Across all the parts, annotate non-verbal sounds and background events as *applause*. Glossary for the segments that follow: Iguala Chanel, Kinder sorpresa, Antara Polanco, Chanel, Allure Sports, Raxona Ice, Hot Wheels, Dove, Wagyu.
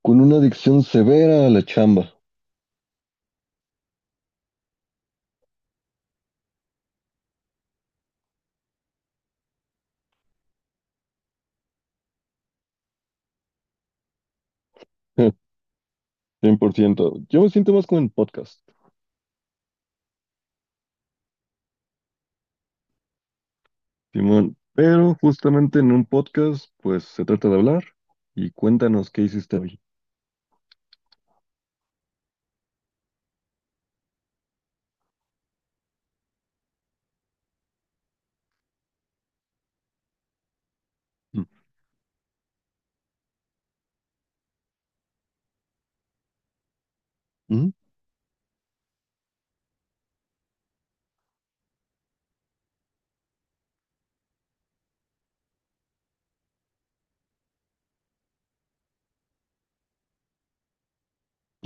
Con una adicción severa a la chamba. *laughs* 100%. Yo me siento más como en podcast, Simón. Pero justamente en un podcast, pues se trata de hablar y cuéntanos qué hiciste hoy. Mm. Mm.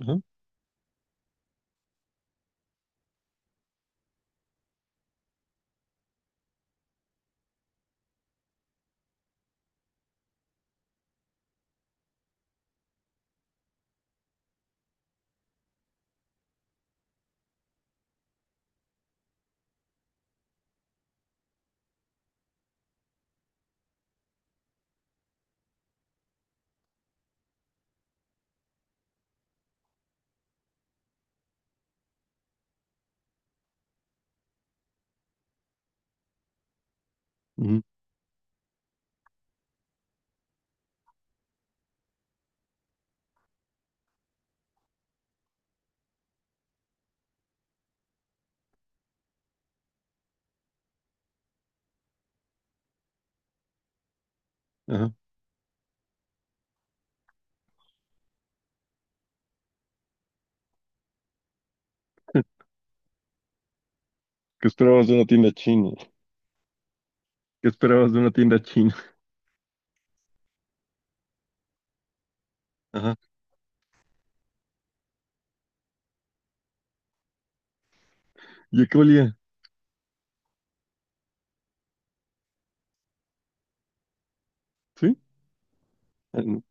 Ajá. Mm. Ajá. *laughs* ¿Qué esperabas de una tienda china? ¿Qué esperabas de una tienda china? *laughs* Ajá. ¿Y a qué olía? ¿Sí? Ah, no.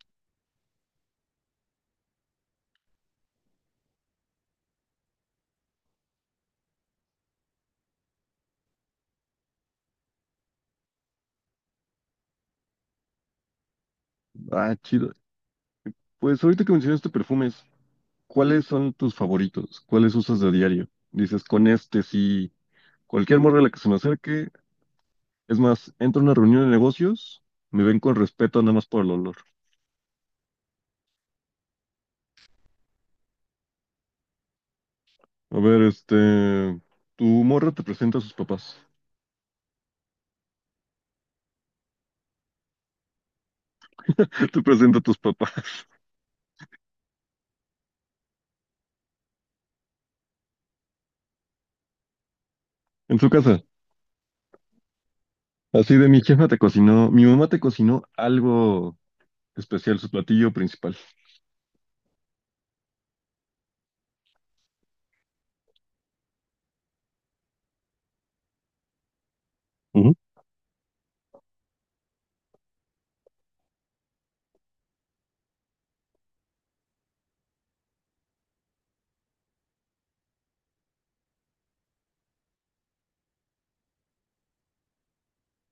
Ah, chido. Pues ahorita que mencionaste perfumes, ¿cuáles son tus favoritos? ¿Cuáles usas de diario? Dices, con este sí. Cualquier morra a la que se me acerque. Es más, entro a una reunión de negocios, me ven con respeto nada más por el olor. A ver, tu morra te presenta a sus papás. *laughs* Te presenta a tus papás, *laughs* en su casa. Así de mi jefa te cocinó, mi mamá te cocinó algo especial, su platillo principal. Ujú.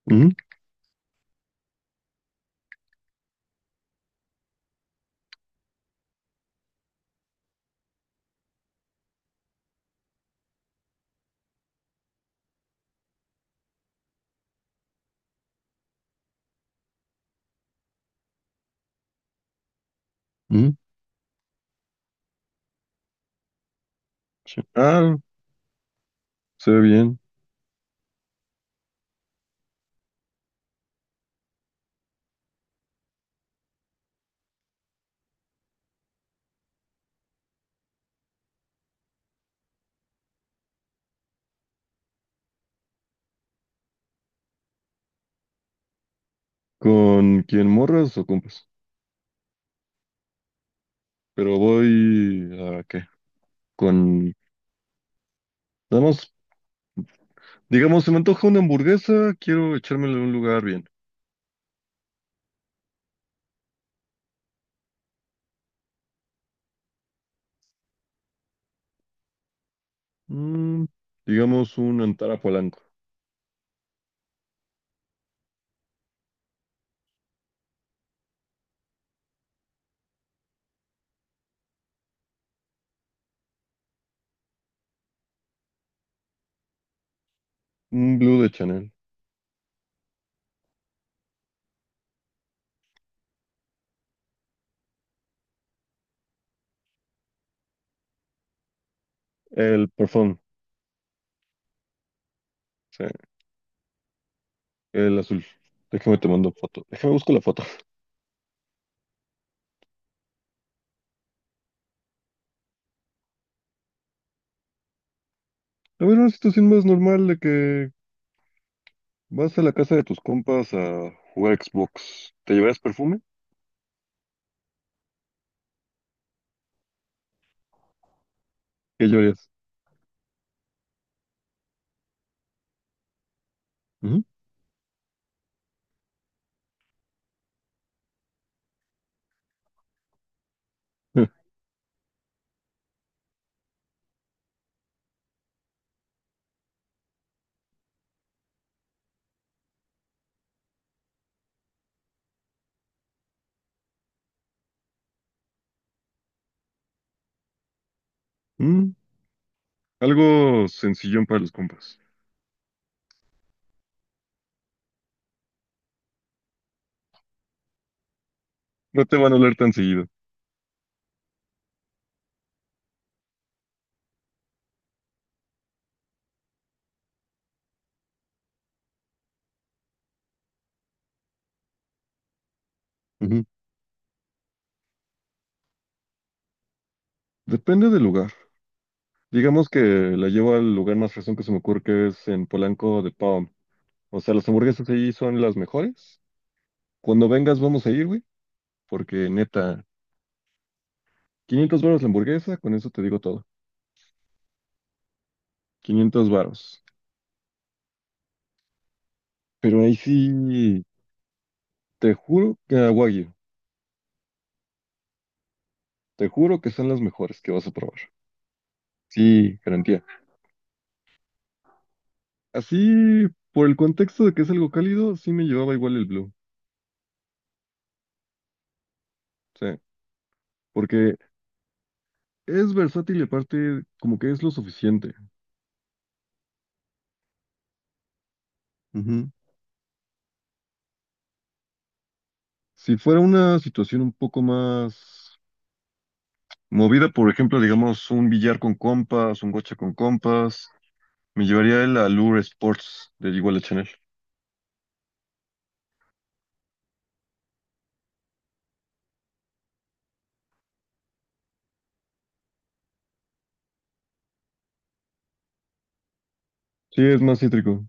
Ujú. Ujú. Ah, se ve bien. ¿Con quién, morras o compas? ¿Pero voy a qué? Con, nada, digamos, se me antoja una hamburguesa, quiero echármela en un lugar bien. Mm, digamos un Antara Polanco. Un blue de Chanel. El perfume. Sí, el azul. Déjame te mando foto. Déjame busco la foto. A ver, una situación más normal de que vas a la casa de tus compas a jugar Xbox. ¿Te llevarías perfume? ¿Qué llevarías? Ujú. *laughs* Mm, algo sencillón para los compas. No te van a oler tan seguido. Ujú. Depende del lugar. Digamos que la llevo al lugar más fresón que se me ocurre, que es en Polanco, de Pau. O sea, las hamburguesas allí son las mejores. Cuando vengas vamos a ir, güey, porque neta, 500 varos la hamburguesa, con eso te digo todo. 500 varos. Pero ahí sí, te juro que a Wagyu, te juro que son las mejores que vas a probar. Sí, garantía. Así, por el contexto de que es algo cálido, sí me llevaba igual el Blue. Sí, porque es versátil y aparte como que es lo suficiente. Ujú. Si fuera una situación un poco más movida, por ejemplo, digamos un billar con compas, un gocha con compas, me llevaría el Allure Sports de Iguala Chanel. Sí, es más cítrico.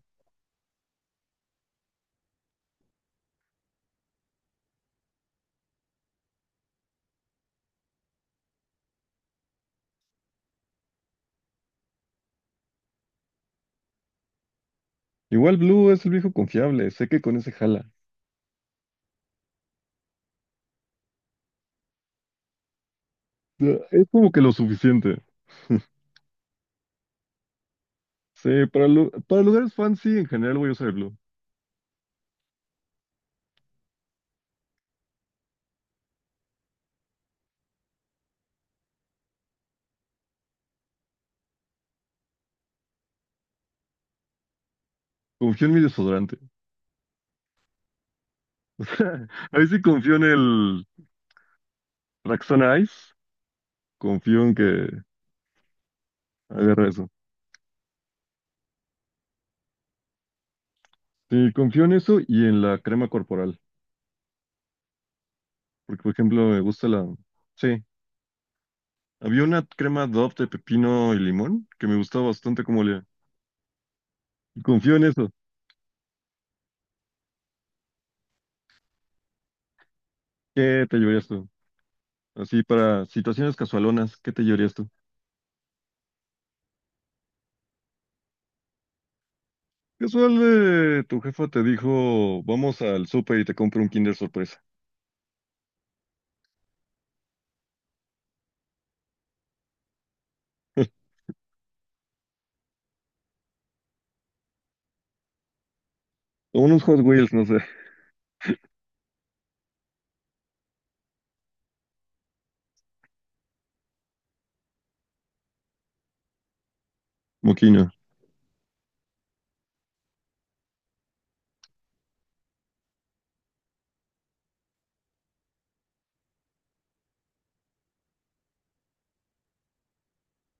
Igual Blue es el viejo confiable, sé que con ese jala. Es como que lo suficiente. *laughs* Sí, para, para lugares fancy en general voy a usar el Blue. Confío en mi desodorante. *laughs* Ahí sí confío en el Raxona Ice. Confío en que agarra eso. Sí, confío en eso y en la crema corporal. Porque, por ejemplo, me gusta la... Sí, había una crema Dove de pepino y limón que me gustaba bastante como olía. Y confío en eso. ¿Qué te llevarías tú? Así para situaciones casualonas, ¿qué te llevarías tú? Casual, tu jefa te dijo, vamos al súper y te compro un Kinder sorpresa. *laughs* O unos Hot Wheels, no sé. Moquino.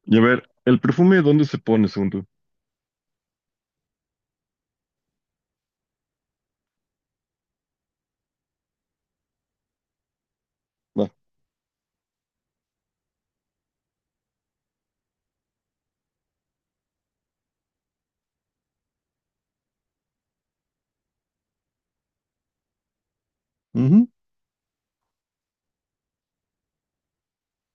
Y a ver, ¿el perfume dónde se pone, según tú? Va. Ujú.